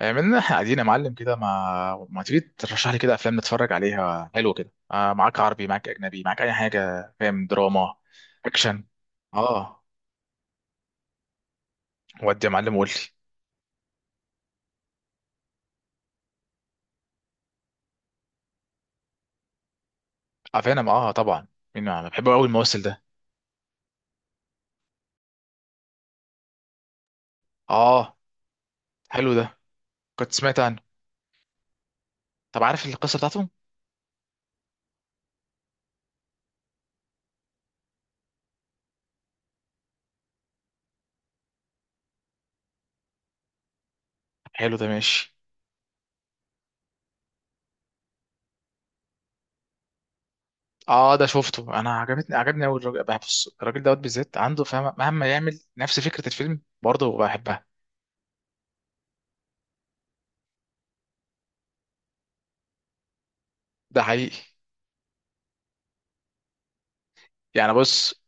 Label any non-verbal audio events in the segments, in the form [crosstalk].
عملنا احنا قاعدين يا معلم كده، ما تيجي ترشح لي كده افلام نتفرج عليها؟ حلو كده. آه معاك عربي، معاك اجنبي، معاك اي حاجه. فاهم؟ دراما. اكشن. اه. ودي يا معلم قول لي. افلام؟ اه طبعا. مين؟ ما أنا بحب قوي الممثل ده. اه. حلو ده، كنت سمعت عنه. طب عارف القصه بتاعته؟ حلو ده، ماشي. اه ده شفته انا، عجبتني، عجبني قوي الراجل. بص، الراجل دوت بالذات عنده فاهم مهما يعمل نفس فكره الفيلم، برضه بحبها. ده حقيقي. يعني بص،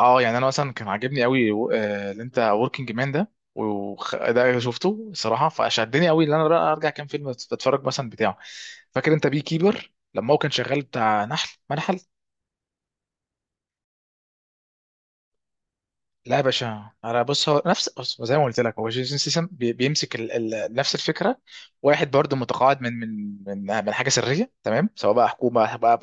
اه يعني انا مثلا كان عاجبني قوي اللي انت وركينج مان ده. ده شفته صراحه، فشدني قوي ان انا بقى ارجع كام فيلم اتفرج مثلا بتاعه. فاكر انت بي كيبر لما هو كان شغال بتاع نحل، منحل؟ لا يا باشا انا بص، هو نفس، بص زي ما قلت لك، هو جيسون سيسم بيمسك نفس الفكره. واحد برضه متقاعد من حاجه سريه تمام، سواء بقى حكومه، بقى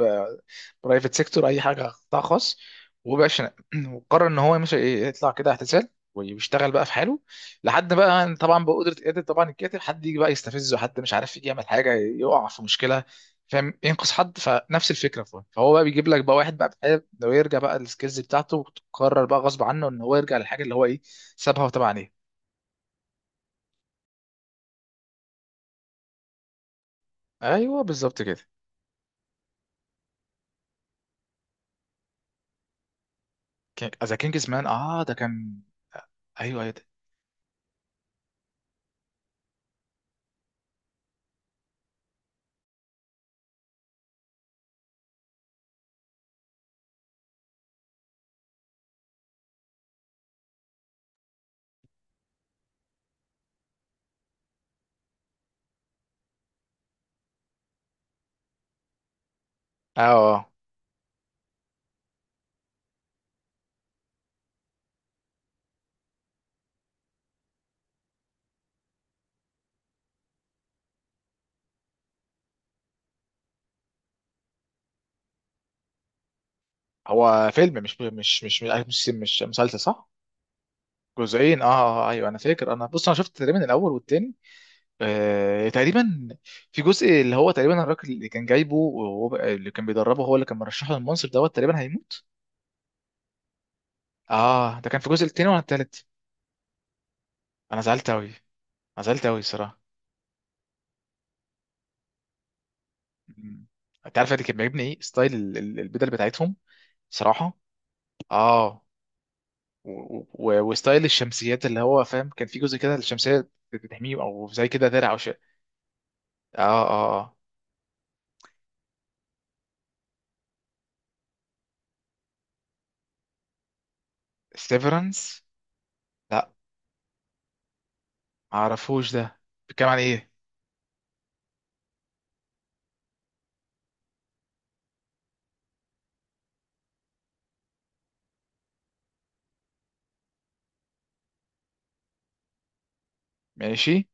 برايفت سيكتور، اي حاجه قطاع خاص. وباشا [clears throat] وقرر ان هو مش يطلع كده اعتزال ويشتغل بقى في حاله، لحد بقى طبعا بقدره، قادر طبعا الكاتب حد يجي بقى يستفزه، حد مش عارف يجي يعمل حاجه، يقع في مشكله، فاهم، ينقذ حد. فنفس الفكره. فهو بقى بيجيب لك بقى واحد بقى بحاله لو يرجع بقى السكيلز بتاعته، وتقرر بقى غصب عنه ان هو يرجع للحاجه اللي هو ايه، سابها وتابع عليها. ايوه بالظبط كده. ذا كينجز مان، اه ده كان. ايوه ايوه ده. اه، هو فيلم مش مسلسل، صح؟ جزئين اه. ايوه انا فاكر. انا بص انا شفت تقريبا الاول والتاني، آه تقريبا. في جزء اللي هو تقريبا الراجل اللي كان جايبه وهو اللي كان بيدربه، هو اللي كان مرشحه للمنصب دوت، تقريبا هيموت. اه ده كان في الجزء التاني ولا التالت؟ انا زعلت قوي. انا زعلت قوي الصراحه. مم. انت عارف اللي كان بيعجبني ايه؟ ستايل البدل بتاعتهم. صراحه اه. وستايل الشمسيات، اللي هو فاهم كان في جزء كده الشمسيه بتحميه او زي كده درع او شيء. اه اه اه سيفرنس. لا ما اعرفوش ده، بيتكلم عن ايه؟ ماشي.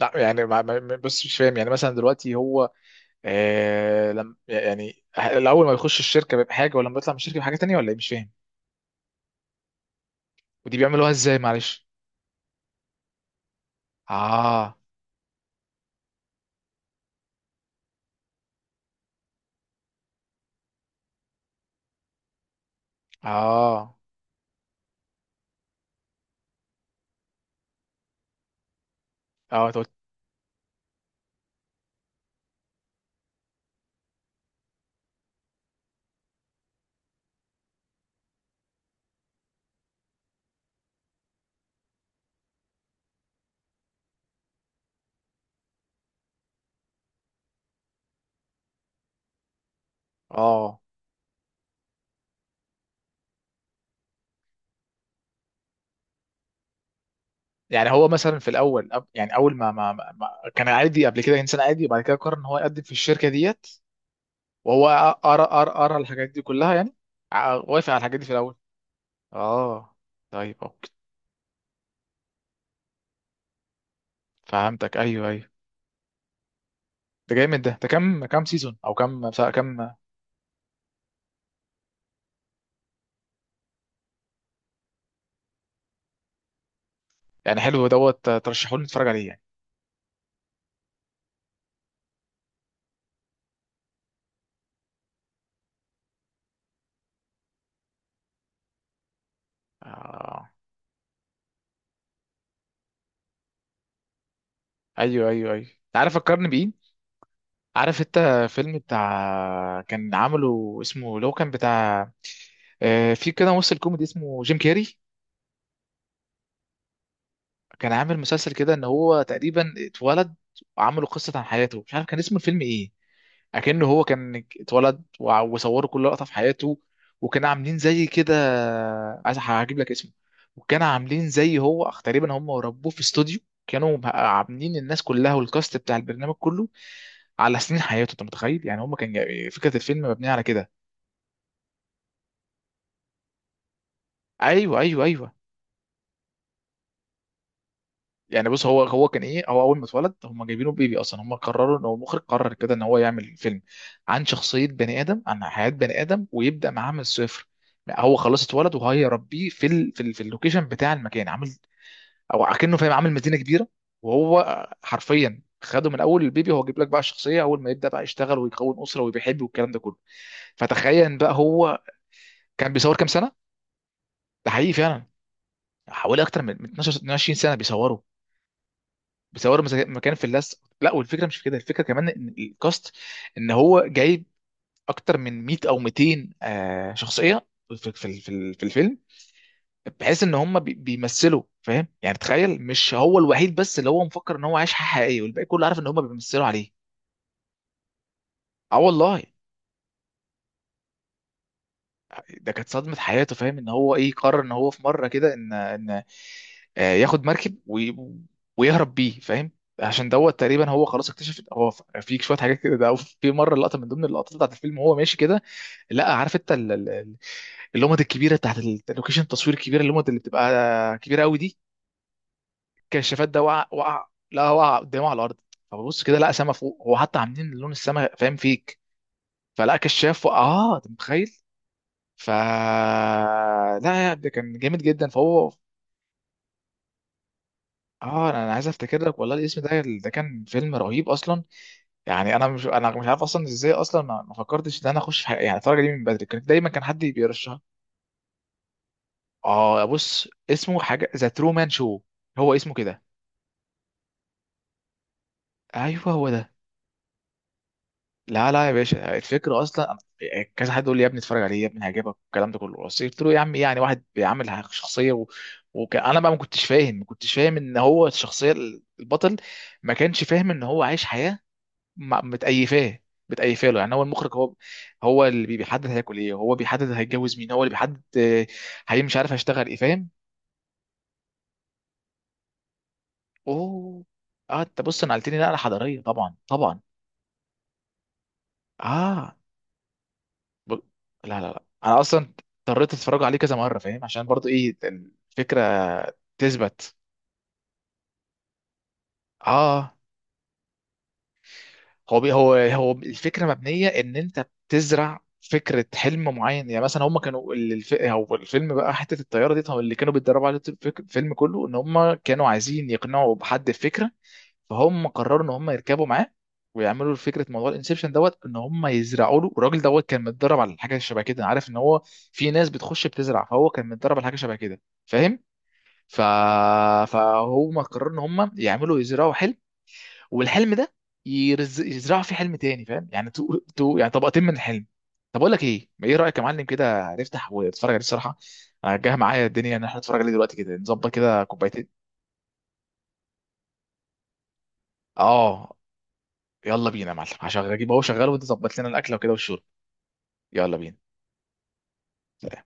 لا يعني بص مش فاهم، يعني مثلا دلوقتي هو، لم، يعني الاول ما بيخش الشركه بحاجه، ولما بيطلع من الشركه بحاجه تانية ولا ايه؟ مش فاهم. ودي بيعملوها ازاي معلش؟ اه اه اه تقول. اه يعني هو مثلا في الاول يعني اول ما كان عادي قبل كده، انسان عادي، وبعد كده قرر ان هو يقدم في الشركه ديت. وهو قرا الحاجات دي كلها يعني، وافق على الحاجات دي في الاول. اه طيب اوكي. فهمتك ايوه ايوه. ده جامد. ده كام كام سيزون او كام كام؟ يعني حلو دوت، ترشحوا لي نتفرج عليه يعني. آه. ايوه ايوه ايوه، تعرف فكرني بايه؟ عارف انت فيلم بتاع كان عامله اسمه، لو كان بتاع في كده ممثل كوميدي اسمه جيم كيري، كان عامل مسلسل كده ان هو تقريبا اتولد، وعملوا قصة عن حياته. مش عارف كان اسم الفيلم ايه. اكنه هو كان اتولد وصوروا كل لقطة في حياته، وكانوا عاملين زي كده. عايز هجيب لك اسمه. وكانوا عاملين زي هو تقريبا هم ربوه في استوديو. كانوا عاملين الناس كلها والكاست بتاع البرنامج كله على سنين حياته. انت متخيل؟ يعني هم كان فكره الفيلم مبنيه على كده. ايوه ايوه ايوه. يعني بص، هو كان ايه، هو اول ما اتولد هم جايبينه بيبي اصلا. هم قرروا ان هو، المخرج قرر كده ان هو يعمل فيلم عن شخصيه بني ادم، عن حياه بني ادم، ويبدا معاه من الصفر. هو خلاص اتولد وهيربيه في اللوكيشن بتاع المكان، عامل او اكنه فاهم عامل مدينه كبيره. وهو حرفيا خده من اول البيبي، هو جايب لك بقى الشخصيه اول ما يبدا بقى يشتغل ويكون اسره وبيحب والكلام ده كله. فتخيل بقى، هو كان بيصور كام سنه. ده حقيقي فعلا. حوالي اكتر من 12 22 سنه بيصوروا. بيصوروا مكان في اللزق. لا والفكره مش في كده، الفكره كمان ان الكاست، ان هو جايب اكتر من 100 او 200 شخصيه في الفيلم، بحيث ان هم بيمثلوا. فاهم يعني؟ تخيل، مش هو الوحيد بس اللي هو مفكر ان هو عايش حياه حقيقيه، والباقي كله عارف ان هم بيمثلوا عليه. اه والله. ده كانت صدمة حياته، فاهم. ان هو ايه، قرر ان هو في مرة كده ان ياخد مركب ويهرب بيه، فاهم. عشان دوت تقريبا هو خلاص اكتشف. هو في شويه حاجات كده، ده في مره لقطه من ضمن اللقطات بتاعت الفيلم وهو ماشي كده، لا عارف انت اللومات الكبيره بتاعت اللوكيشن، التصوير الكبيره، اللومات اللي بتبقى كبيره قوي دي، الكشافات ده، وقع. وقع لا، وقع قدامه على الارض. فببص كده، لا سما فوق، هو حتى عاملين لون السما فاهم فيك. فلا، كشاف وقع. اه انت متخيل. ف لا يعني، ده كان جامد جدا فهو. اه انا عايز افتكر لك والله الاسم ده، ده كان فيلم رهيب اصلا. يعني انا مش عارف اصلا ازاي، اصلا ما فكرتش ان انا اخش حاجة، يعني الفرجه دي من بدري كانت دايما كان حد بيرشحها. اه بص، اسمه حاجه ذا ترومان شو. هو اسمه كده. ايوه هو ده. لا لا يا باشا، الفكرة أصلا كذا حد يقول لي يا ابني اتفرج عليه يا ابني هيعجبك والكلام ده كله، بس قلت له يا عم إيه يعني، واحد بيعمل شخصية و... وأنا بقى ما كنتش فاهم إن هو الشخصية البطل، ما كانش فاهم إن هو عايش حياة. متأيفاه، متأيفاه له. يعني هو المخرج هو اللي بيحدد هياكل إيه، هو بيحدد هيتجوز مين، هو اللي بيحدد هي مش عارف هيشتغل إيه، فاهم. أوه. أه أنت بص نقلتني نقلة حضارية، طبعا طبعا. آه. ب... لا لا لا انا اصلا اضطريت اتفرج عليه كذا مره فاهم، عشان برضو ايه، الفكره تثبت. اه، هو بي هو هو الفكره مبنيه ان انت بتزرع فكره حلم معين. يعني مثلا هم كانوا هو الفيلم بقى حته الطياره دي، طب اللي كانوا بيتدربوا على الفيلم كله ان هم كانوا عايزين يقنعوا بحد الفكره، فهم قرروا ان هم يركبوا معاه، ويعملوا فكره موضوع الانسبشن دوت، ان هم يزرعوا له. الراجل دوت كان متدرب على حاجه شبه كده، عارف ان هو في ناس بتخش بتزرع، فهو كان متدرب على حاجه شبه كده، فاهم. ف... فهم قرروا ان هم يعملوا يزرعوا حلم، والحلم ده يزرعوا فيه حلم تاني فاهم. يعني يعني طبقتين من الحلم. طب اقول لك ايه، ما ايه رايك يا معلم كده نفتح ونتفرج عليه الصراحه. أنا جاي معايا الدنيا ان احنا نتفرج عليه دلوقتي كده، نظبط كده كوبايتين. اه. يلا بينا يا معلم، هشغل اجيب اهو شغال وانت ظبط لنا الاكله وكده والشرب. يلا بينا سلام.